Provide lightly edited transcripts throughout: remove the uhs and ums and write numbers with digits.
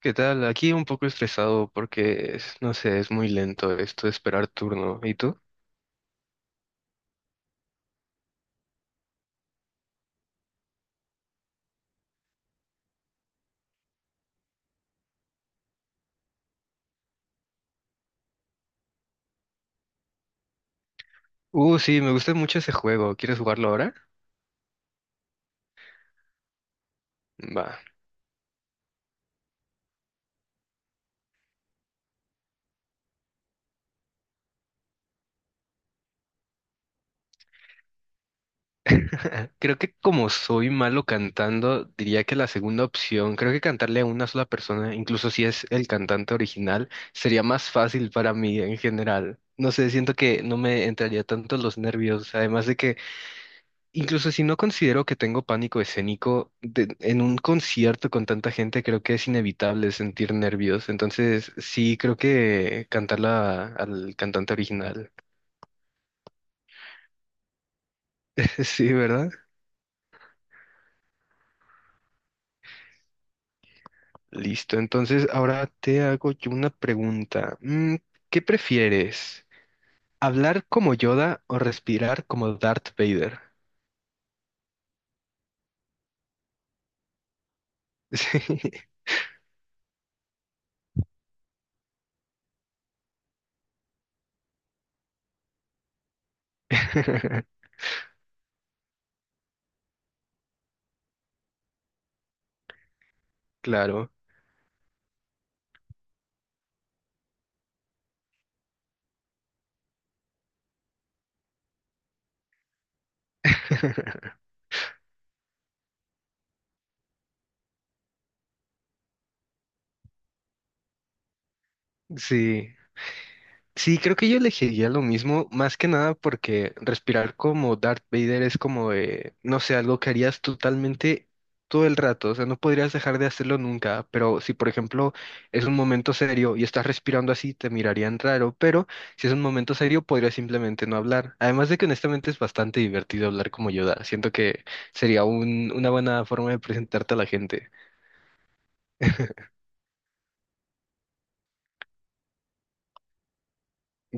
¿Qué tal? Aquí un poco estresado porque, no sé, es muy lento esto de esperar turno. ¿Y tú? Sí, me gusta mucho ese juego. ¿Quieres jugarlo ahora? Va. Creo que como soy malo cantando, diría que la segunda opción, creo que cantarle a una sola persona, incluso si es el cantante original, sería más fácil para mí en general. No sé, siento que no me entraría tanto los nervios, además de que incluso si no considero que tengo pánico escénico, en un concierto con tanta gente creo que es inevitable sentir nervios. Entonces, sí, creo que cantarla al cantante original. Sí, ¿verdad? Listo. Entonces, ahora te hago yo una pregunta. ¿Qué prefieres? ¿Hablar como Yoda o respirar como Darth Vader? Sí. Claro. Sí. Sí, creo que yo elegiría lo mismo, más que nada porque respirar como Darth Vader es como, no sé, algo que harías totalmente todo el rato, o sea, no podrías dejar de hacerlo nunca, pero si por ejemplo es un momento serio y estás respirando así, te mirarían raro, pero si es un momento serio, podrías simplemente no hablar. Además de que honestamente es bastante divertido hablar como Yoda, siento que sería una buena forma de presentarte a la gente.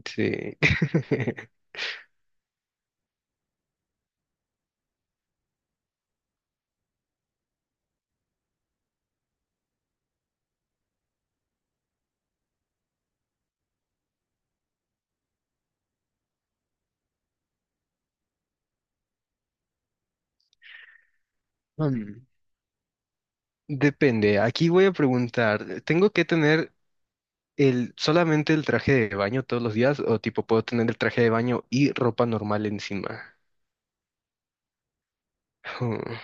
Sí. Mm, Depende. Aquí voy a preguntar, ¿tengo que tener el, solamente el traje de baño todos los días o tipo puedo tener el traje de baño y ropa normal encima? Hmm.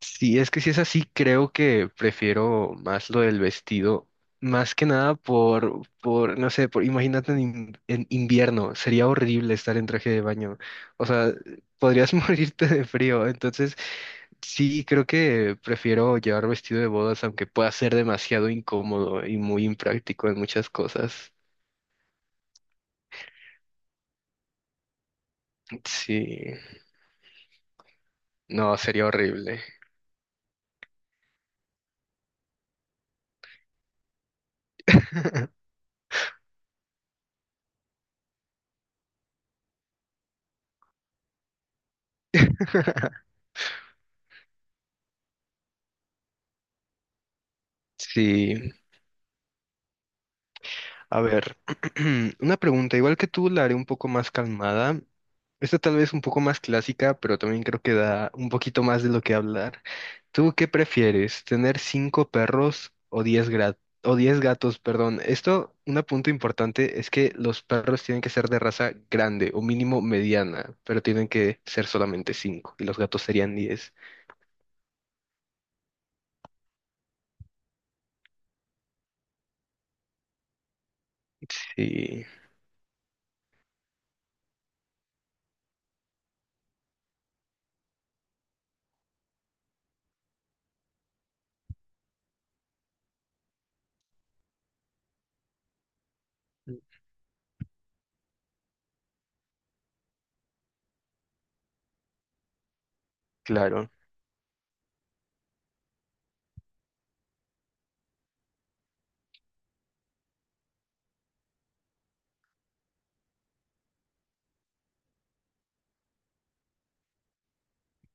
Sí, es que si es así, creo que prefiero más lo del vestido, más que nada no sé, imagínate en, en invierno, sería horrible estar en traje de baño, o sea, podrías morirte de frío, entonces sí, creo que prefiero llevar vestido de bodas, aunque pueda ser demasiado incómodo y muy impráctico en muchas cosas. Sí. No, sería horrible. Sí, a ver, una pregunta, igual que tú, la haré un poco más calmada. Esta tal vez un poco más clásica, pero también creo que da un poquito más de lo que hablar. ¿Tú qué prefieres, tener cinco perros o diez o diez gatos, perdón? Esto, un punto importante es que los perros tienen que ser de raza grande o mínimo mediana, pero tienen que ser solamente cinco y los gatos serían diez. Sí, claro,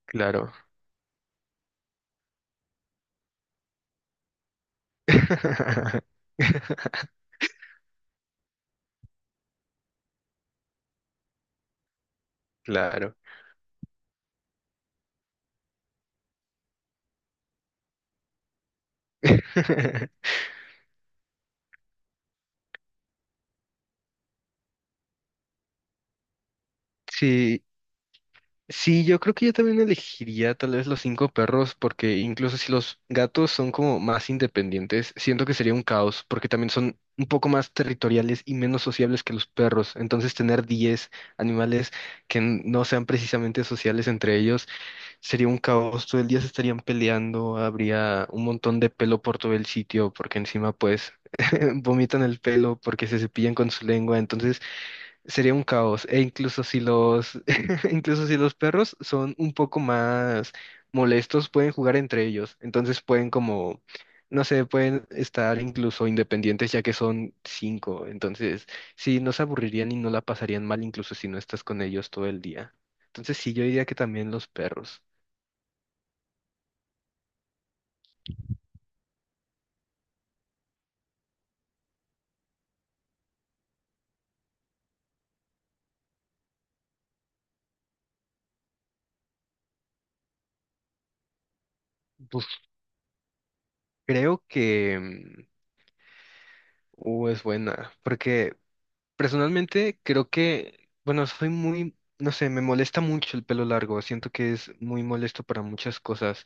claro. Claro. Sí, sí, yo creo que yo también elegiría tal vez los cinco perros, porque incluso si los gatos son como más independientes, siento que sería un caos, porque también son un poco más territoriales y menos sociables que los perros. Entonces, tener 10 animales que no sean precisamente sociales entre ellos sería un caos, todo el día se estarían peleando, habría un montón de pelo por todo el sitio, porque encima pues vomitan el pelo porque se cepillan con su lengua, entonces sería un caos. E incluso si los, incluso si los perros son un poco más molestos, pueden jugar entre ellos, entonces pueden como, no sé, pueden estar incluso independientes ya que son cinco, entonces sí, no se aburrirían y no la pasarían mal incluso si no estás con ellos todo el día. Entonces sí, yo diría que también los perros. Pues creo que U es buena, porque personalmente creo que, bueno, soy muy, no sé, me molesta mucho el pelo largo, siento que es muy molesto para muchas cosas.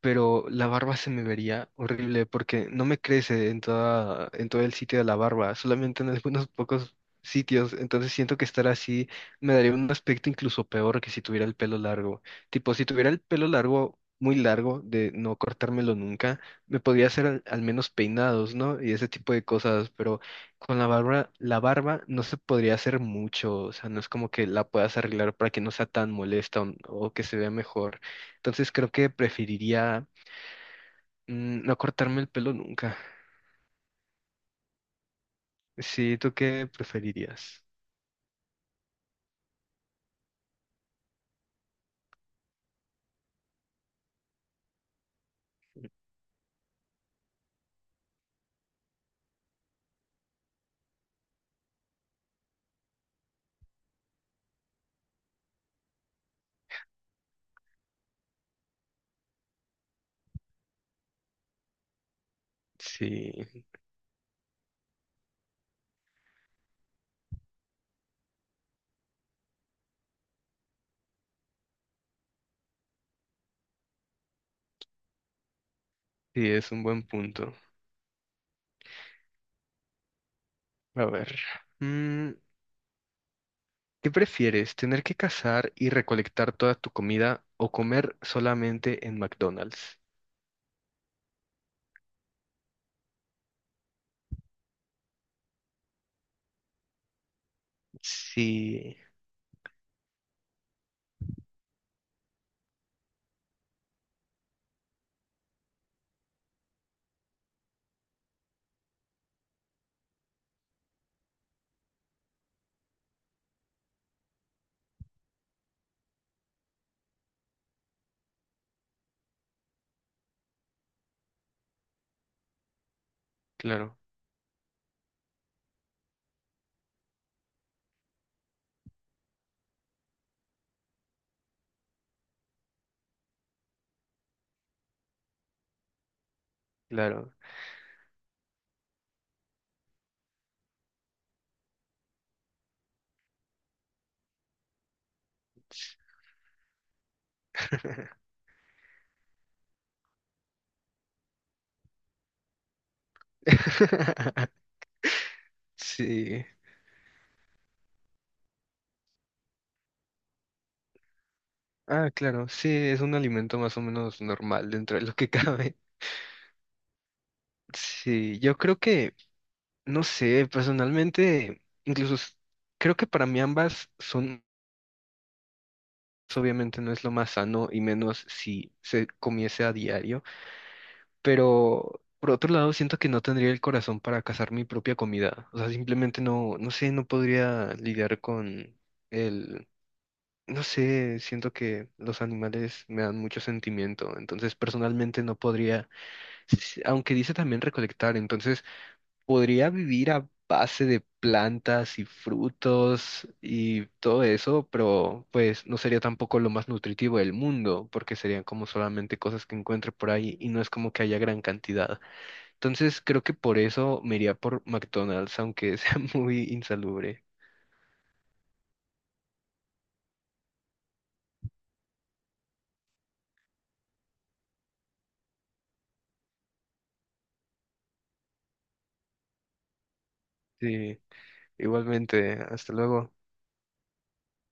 Pero la barba se me vería horrible porque no me crece en toda, en todo el sitio de la barba, solamente en algunos pocos sitios, entonces siento que estar así me daría un aspecto incluso peor que si tuviera el pelo largo. Tipo, si tuviera el pelo largo, muy largo, de no cortármelo nunca, me podría hacer al menos peinados, ¿no? Y ese tipo de cosas, pero con la barba no se podría hacer mucho, o sea, no es como que la puedas arreglar para que no sea tan molesta o que se vea mejor. Entonces creo que preferiría no cortarme el pelo nunca. Sí, ¿tú qué preferirías? Sí, sí, es un buen punto. A ver, mm, ¿qué prefieres? ¿Tener que cazar y recolectar toda tu comida o comer solamente en McDonald's? Sí, claro, claro. Sí. Ah, claro, sí, es un alimento más o menos normal dentro de lo que cabe. Sí, yo creo que no sé, personalmente, incluso creo que para mí ambas son, obviamente no es lo más sano y menos si se comiese a diario, pero por otro lado siento que no tendría el corazón para cazar mi propia comida, o sea, simplemente no, no sé, no podría lidiar con el, no sé, siento que los animales me dan mucho sentimiento, entonces personalmente no podría, s- aunque dice también recolectar, entonces... Podría vivir a base de plantas y frutos y todo eso, pero pues no sería tampoco lo más nutritivo del mundo, porque serían como solamente cosas que encuentre por ahí y no es como que haya gran cantidad. Entonces creo que por eso me iría por McDonald's, aunque sea muy insalubre. Sí, igualmente, hasta luego.